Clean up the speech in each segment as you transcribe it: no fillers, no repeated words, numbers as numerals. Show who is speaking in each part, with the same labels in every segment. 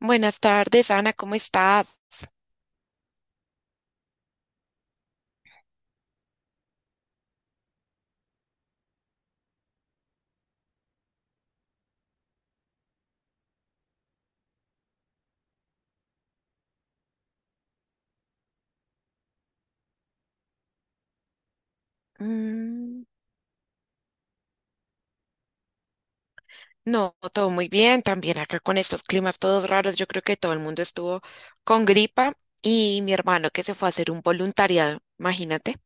Speaker 1: Buenas tardes, Ana, ¿cómo estás? Mm, no, todo muy bien. También acá con estos climas todos raros, yo creo que todo el mundo estuvo con gripa y mi hermano que se fue a hacer un voluntariado, imagínate,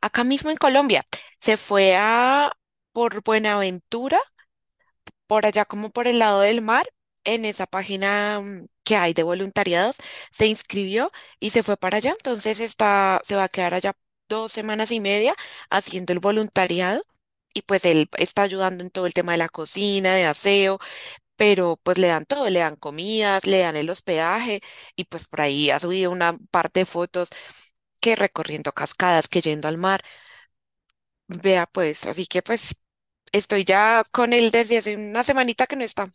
Speaker 1: acá mismo en Colombia, se fue a por Buenaventura por allá como por el lado del mar, en esa página que hay de voluntariados, se inscribió y se fue para allá. Entonces está, se va a quedar allá 2 semanas y media haciendo el voluntariado. Y pues él está ayudando en todo el tema de la cocina, de aseo, pero pues le dan todo, le dan comidas, le dan el hospedaje y pues por ahí ha subido una parte de fotos que recorriendo cascadas, que yendo al mar. Vea pues, así que pues estoy ya con él desde hace una semanita que no está.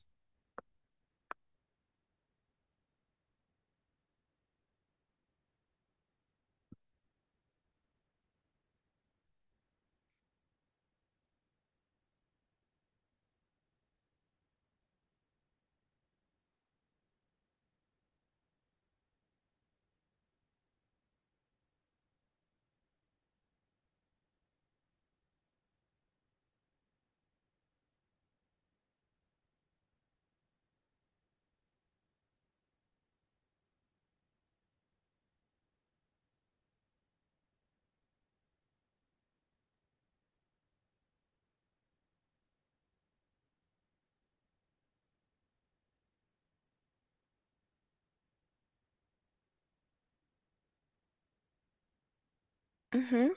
Speaker 1: Ujú.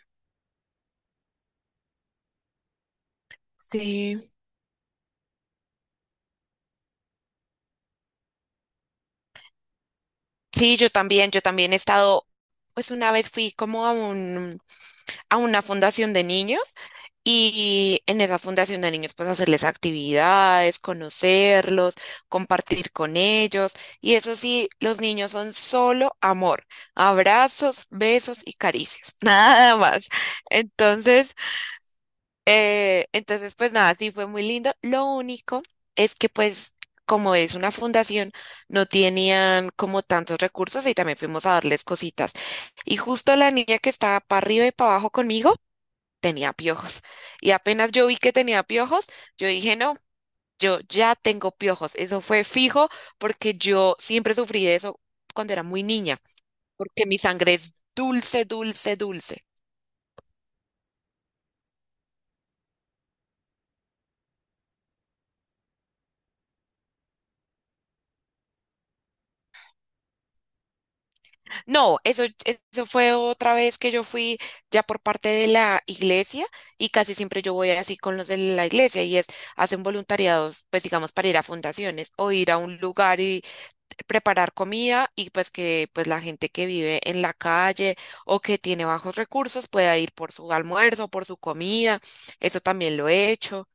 Speaker 1: Sí, sí, yo también he estado, pues una vez fui como a a una fundación de niños y en esa fundación de niños pues hacerles actividades, conocerlos, compartir con ellos y eso sí, los niños son solo amor, abrazos, besos y caricias, nada más. Entonces, entonces, pues nada, sí fue muy lindo. Lo único es que pues como es una fundación, no tenían como tantos recursos y también fuimos a darles cositas. Y justo la niña que estaba para arriba y para abajo conmigo tenía piojos. Y apenas yo vi que tenía piojos, yo dije, no, yo ya tengo piojos. Eso fue fijo porque yo siempre sufrí de eso cuando era muy niña, porque mi sangre es dulce, dulce, dulce. No, eso fue otra vez que yo fui ya por parte de la iglesia y casi siempre yo voy así con los de la iglesia y es, hacen voluntariados, pues digamos, para ir a fundaciones o ir a un lugar y preparar comida y pues que pues la gente que vive en la calle o que tiene bajos recursos pueda ir por su almuerzo, por su comida. Eso también lo he hecho.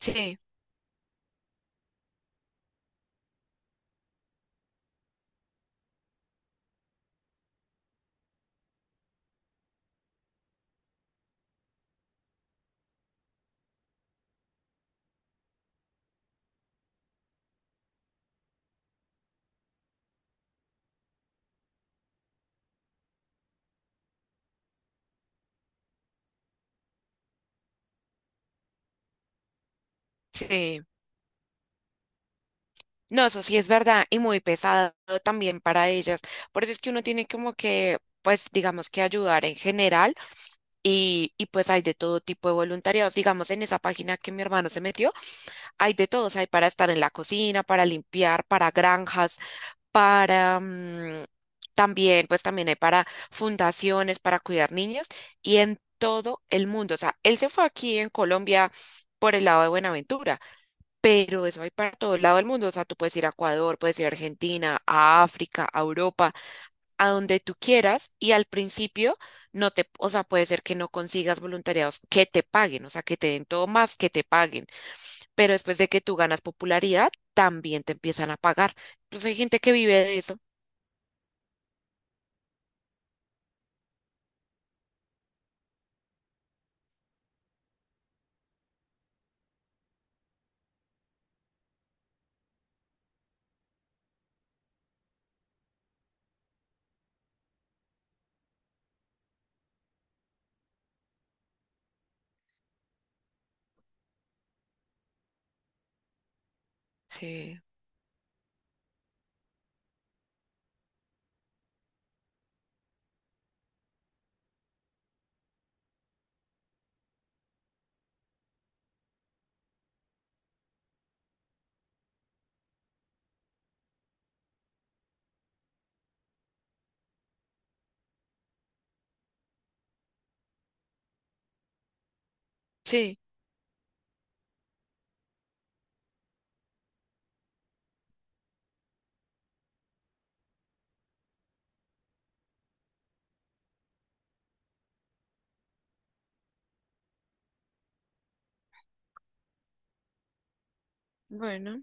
Speaker 1: Sí, sí. No, eso sí es verdad y muy pesado también para ellas. Por eso es que uno tiene como que, pues, digamos que ayudar en general y pues hay de todo tipo de voluntariados. Digamos, en esa página que mi hermano se metió, hay de todos, hay para estar en la cocina, para limpiar, para granjas, para... también, pues también hay para fundaciones, para cuidar niños y en todo el mundo. O sea, él se fue aquí en Colombia por el lado de Buenaventura. Pero eso hay para todo el lado del mundo. O sea, tú puedes ir a Ecuador, puedes ir a Argentina, a África, a Europa, a donde tú quieras. Y al principio no te, o sea, puede ser que no consigas voluntariados que te paguen, o sea, que te den todo más que te paguen. Pero después de que tú ganas popularidad, también te empiezan a pagar. Entonces hay gente que vive de eso. Sí, sí, bueno,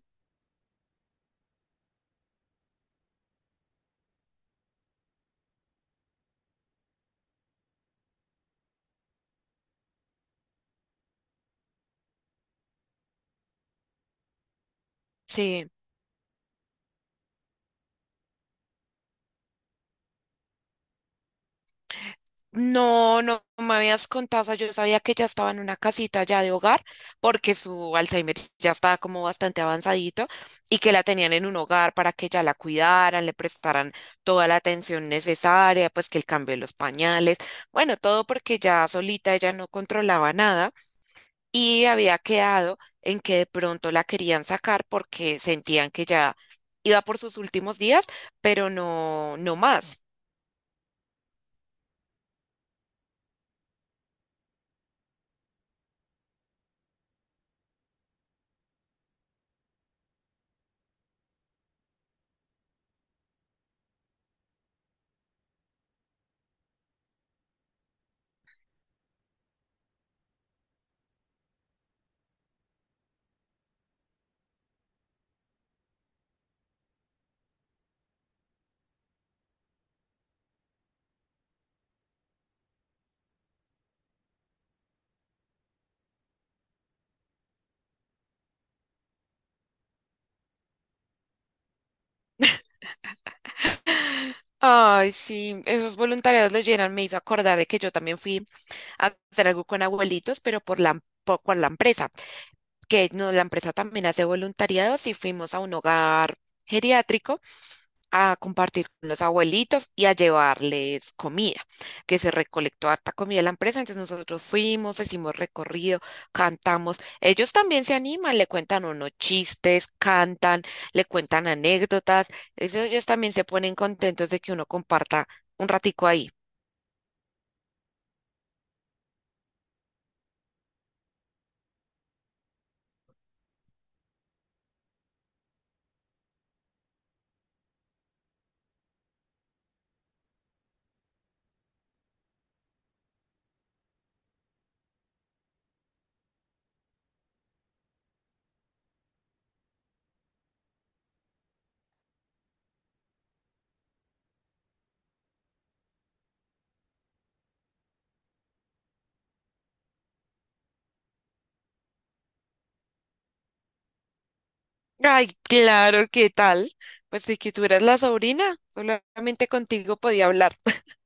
Speaker 1: sí. No, no me habías contado, o sea, yo sabía que ya estaba en una casita ya de hogar, porque su Alzheimer ya estaba como bastante avanzadito y que la tenían en un hogar para que ya la cuidaran, le prestaran toda la atención necesaria, pues que el cambio de los pañales, bueno, todo porque ya solita ella no controlaba nada y había quedado en que de pronto la querían sacar porque sentían que ya iba por sus últimos días, pero no, no más. Ay, sí, esos voluntariados los llenan. Me hizo acordar de que yo también fui a hacer algo con abuelitos, pero por por, con la empresa, que no, la empresa también hace voluntariados y fuimos a un hogar geriátrico a compartir con los abuelitos y a llevarles comida, que se recolectó harta comida de la empresa. Entonces nosotros fuimos, hicimos recorrido, cantamos. Ellos también se animan, le cuentan unos chistes, cantan, le cuentan anécdotas. Eso ellos también se ponen contentos de que uno comparta un ratico ahí. Ay, claro, ¿qué tal? Pues si que tú eras la sobrina, solamente contigo podía hablar.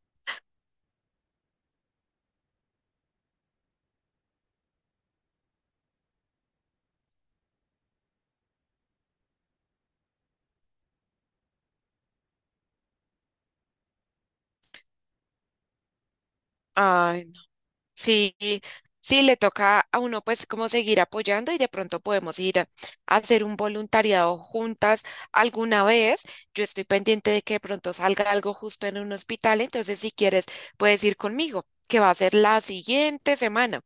Speaker 1: Ay. Sí, sí, le toca a uno pues como seguir apoyando y de pronto podemos ir a hacer un voluntariado juntas alguna vez. Yo estoy pendiente de que de pronto salga algo justo en un hospital, entonces si quieres puedes ir conmigo, que va a ser la siguiente semana.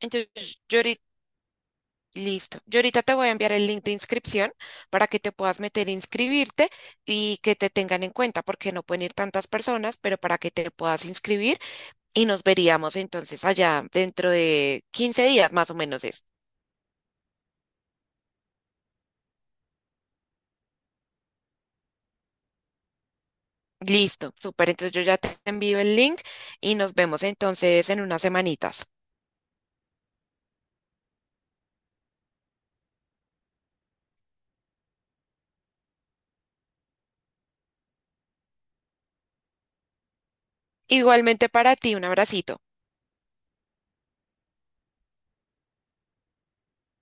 Speaker 1: Entonces, yo ahorita, listo. Yo ahorita te voy a enviar el link de inscripción para que te puedas meter a inscribirte y que te tengan en cuenta, porque no pueden ir tantas personas, pero para que te puedas inscribir y nos veríamos entonces allá dentro de 15 días más o menos es. Listo, súper. Entonces yo ya te envío el link y nos vemos entonces en unas semanitas. Igualmente para ti, un abracito.